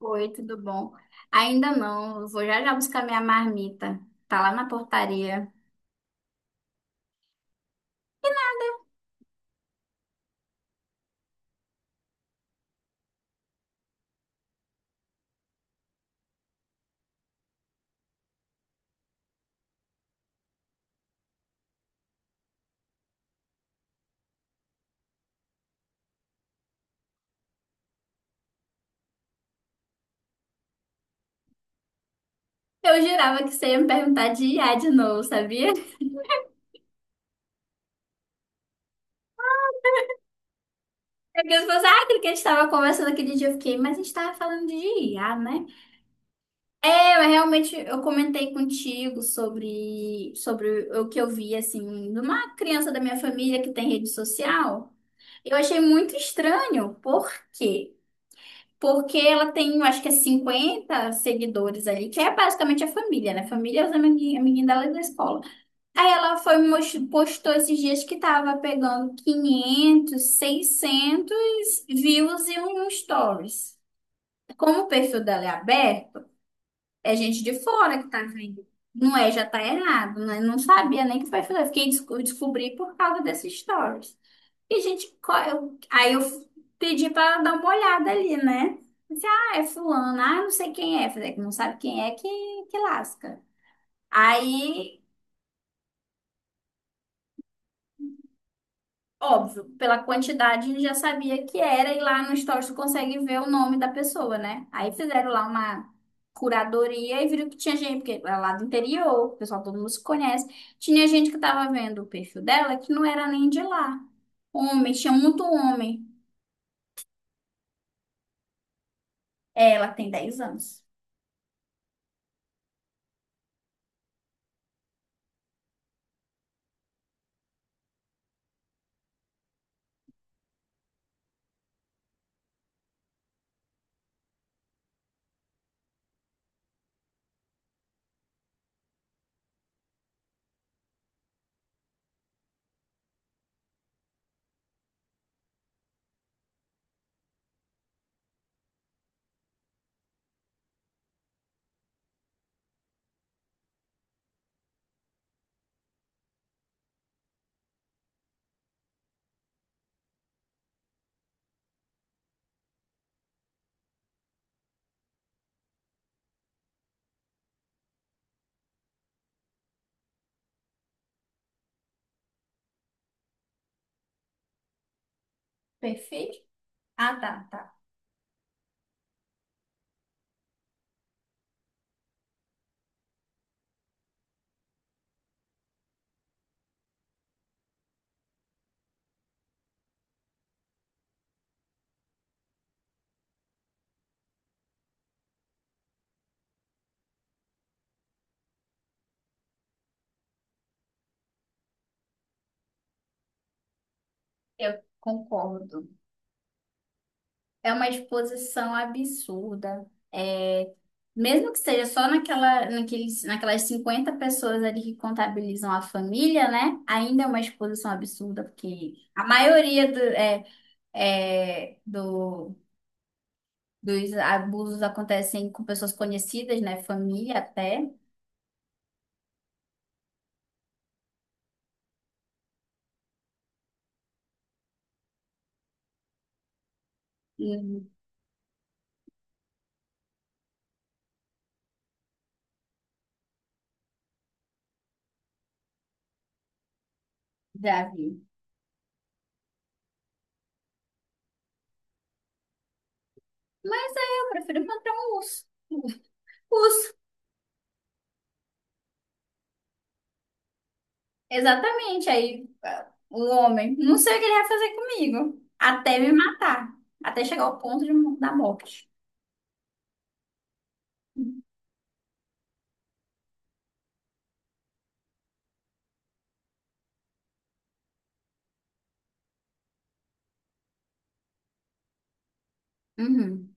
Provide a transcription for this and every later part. Oi, tudo bom? Ainda não, eu vou já já buscar minha marmita. Tá lá na portaria. Eu jurava que você ia me perguntar de IA de novo, sabia? É que as pessoas, aquele que a gente estava conversando aquele dia, eu fiquei, mas a gente estava falando de IA, né? É, mas realmente eu comentei contigo sobre o que eu vi, assim, de uma criança da minha família que tem rede social. Eu achei muito estranho, porque ela tem, eu acho que é 50 seguidores ali, que é basicamente a família, né? Família é os amiguinhos dela da escola. Aí ela foi postou esses dias que tava pegando 500, 600 views e um stories. Como o perfil dela é aberto, é gente de fora que tá vendo. Não é, já tá errado, né? Não sabia nem que o perfil dela. Fiquei descobri por causa desses stories. E, gente, aí eu pedi pra dar uma olhada ali, né? Disse, é fulano, não sei quem é. Falei, que não sabe quem é, que lasca. Aí, óbvio, pela quantidade já sabia que era, e lá no Stories tu consegue ver o nome da pessoa, né? Aí fizeram lá uma curadoria e viram que tinha gente, porque é lá do interior, o pessoal todo mundo se conhece. Tinha gente que tava vendo o perfil dela que não era nem de lá. Homem, tinha muito homem. É, ela tem 10 anos. Perfeito. Ah, tá, tá. Eu concordo. É uma exposição absurda. É, mesmo que seja só naquela, naqueles, naquelas 50 pessoas ali que contabilizam a família, né? Ainda é uma exposição absurda, porque a maioria do, é, é, do, dos abusos acontecem com pessoas conhecidas, né? Família até. E já vi. Mas aí eu prefiro matar um urso. Exatamente. Aí o homem, não sei o que ele vai fazer comigo. Até me matar. Até chegar ao ponto de, da morte. Uhum.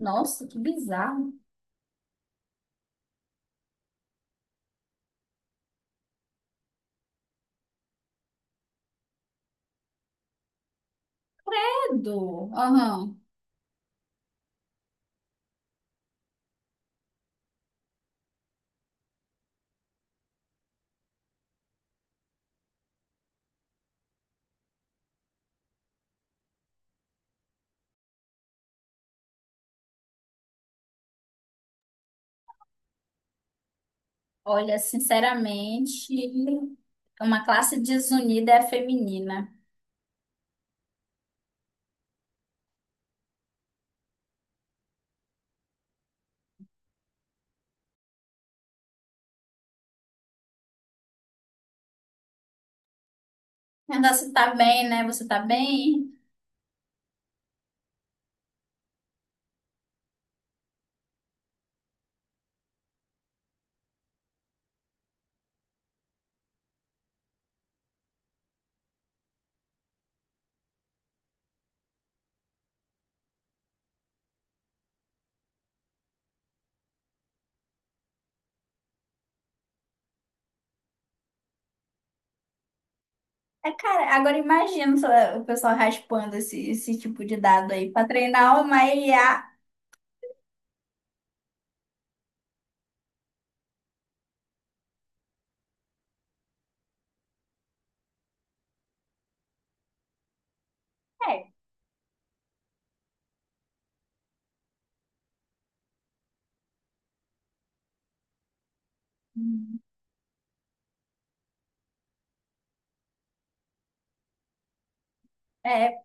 Nossa, que bizarro. Credo. Aham. Olha, sinceramente, uma classe desunida é a feminina. Ainda você tá bem, né? Você tá bem? É, cara, agora imagina só o pessoal raspando esse tipo de dado aí pra treinar uma IA. É. É,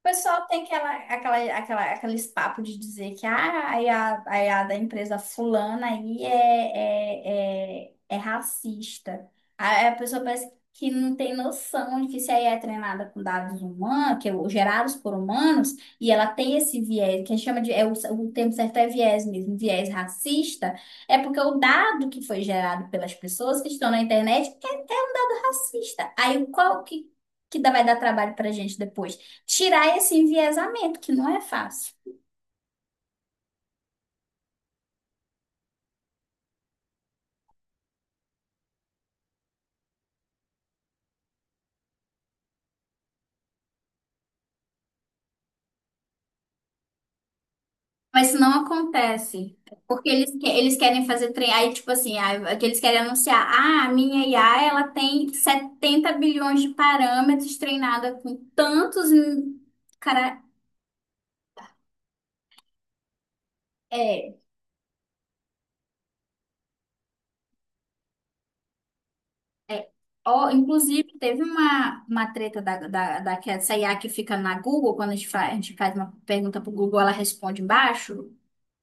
o pessoal tem aqueles papos de dizer que aí a da empresa fulana aí é racista. Aí a pessoa parece que não tem noção de que se aí é treinada com dados humanos, que é gerados por humanos, e ela tem esse viés, que a gente chama de, é o termo certo é viés mesmo, viés racista, é porque o dado que foi gerado pelas pessoas que estão na internet é um dado racista. Aí qual que dá- vai dar trabalho pra gente depois? Tirar esse enviesamento, que não é fácil. Mas isso não acontece. Porque eles querem fazer treinar, aí, tipo assim, que eles querem anunciar, a minha IA, ela tem 70 bilhões de parâmetros treinada com tantos, cara, é, é, ó, inclusive, teve uma treta que essa IA que fica na Google, quando a gente faz uma pergunta pro Google, ela responde embaixo,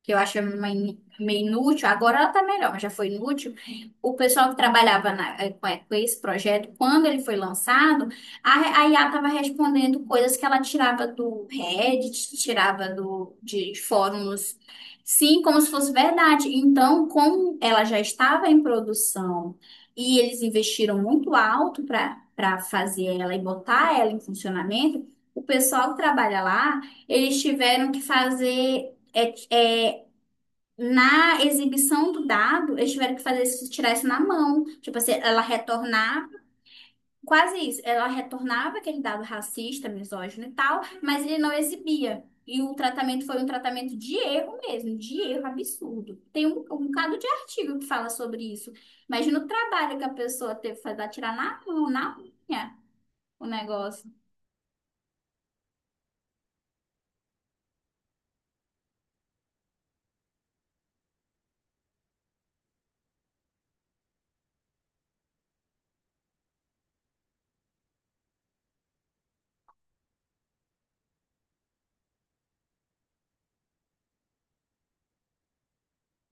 que eu acho meio inútil, agora ela tá melhor, mas já foi inútil. O pessoal que trabalhava com esse projeto, quando ele foi lançado, a IA estava respondendo coisas que ela tirava do Reddit, tirava de fóruns, sim, como se fosse verdade. Então, como ela já estava em produção e eles investiram muito alto para fazer ela e botar ela em funcionamento, o pessoal que trabalha lá, eles tiveram que fazer é, na exibição do dado, eles tiveram que fazer isso, tirar isso na mão. Tipo assim, ela retornava, quase isso, ela retornava aquele dado racista, misógino e tal, mas ele não exibia. E o tratamento foi um tratamento de erro mesmo, de erro absurdo. Tem um bocado de artigo que fala sobre isso. Imagina o trabalho que a pessoa teve que fazer, tirar na mão, na unha, o negócio.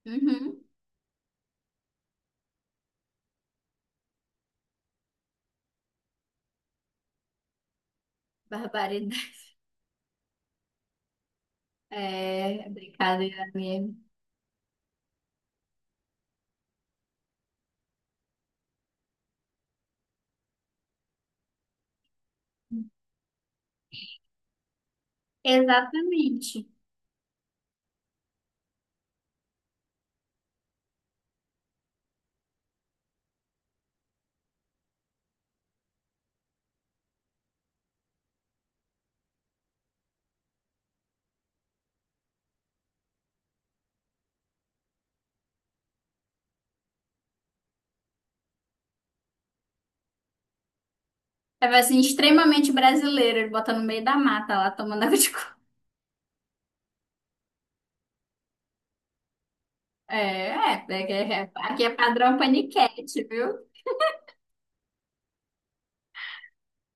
Uhum. Barbaridade. É, brincadeira mesmo. Exatamente. É, vai assim, extremamente brasileiro, ele bota no meio da mata lá, tomando água de coco. É, é, aqui é padrão paniquete, viu?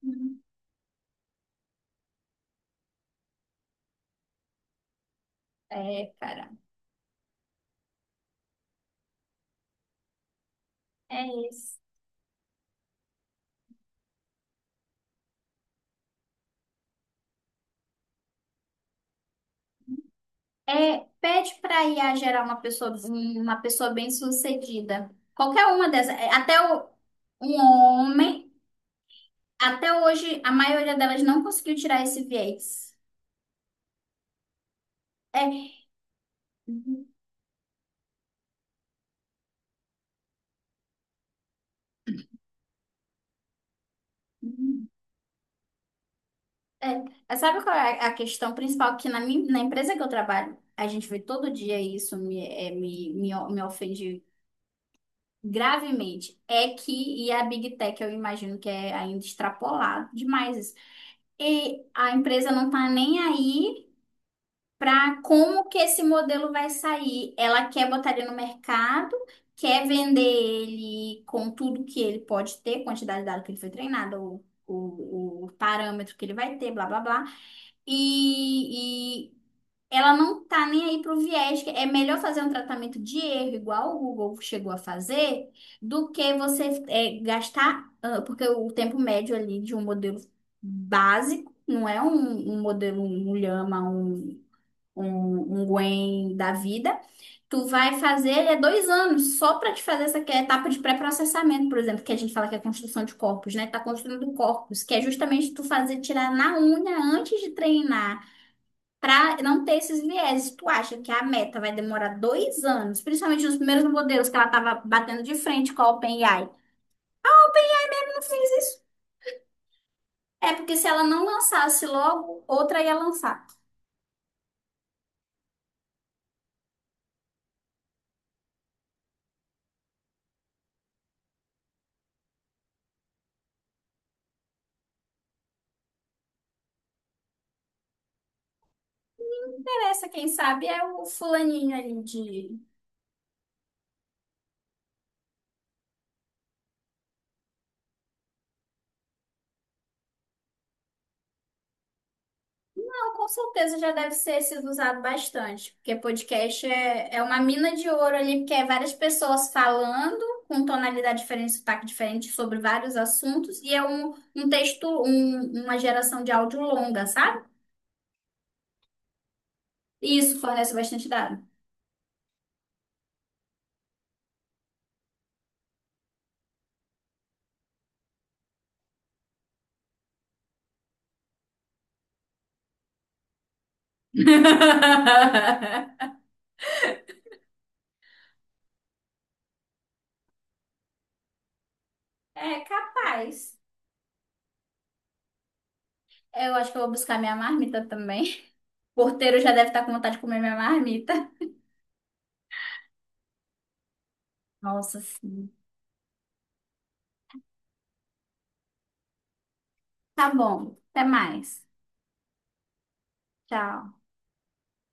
Uhum. É, cara, é isso. É, pede pra I a gerar uma pessoa bem-sucedida. Qualquer uma dessas, um homem, até hoje, a maioria delas não conseguiu tirar esse viés. É. É, sabe qual é a questão principal? Que na empresa que eu trabalho, a gente vê todo dia isso, me, é, me, o- me ofende gravemente. É que, e a Big Tech, eu imagino que é ainda extrapolado demais isso. E a empresa não tá nem aí para como que esse modelo vai sair. Ela quer botar ele no mercado, quer vender ele com tudo que ele pode ter, quantidade de dado que ele foi treinado, o parâmetro que ele vai ter, blá, blá, blá. E ela não tá nem aí pro viés. Que é melhor fazer um tratamento de erro, igual o Google chegou a fazer, do que você gastar, porque o tempo médio ali de um modelo básico, não é um modelo, um Llama, um Gwen da vida. Tu vai fazer, ele é 2 anos, só para te fazer essa que é a etapa de pré-processamento, por exemplo, que a gente fala que é construção de corpos, né? Tá construindo corpos, que é justamente tu fazer tirar na unha antes de treinar para não ter esses vieses, tu acha que a Meta vai demorar 2 anos, principalmente nos primeiros modelos que ela estava batendo de frente com a OpenAI? Ela não fez isso. É porque se ela não lançasse logo, outra ia lançar. Essa, quem sabe, é o fulaninho ali de. Não, com certeza já deve ser sido usado bastante, porque podcast é uma mina de ouro ali, porque é várias pessoas falando com tonalidade diferente, sotaque diferente sobre vários assuntos, e é uma geração de áudio longa, sabe? Isso fornece bastante dado. É capaz. Eu acho que eu vou buscar minha marmita também. O porteiro já deve estar com vontade de comer minha marmita. Nossa, sim. Tá bom. Até mais. Tchau.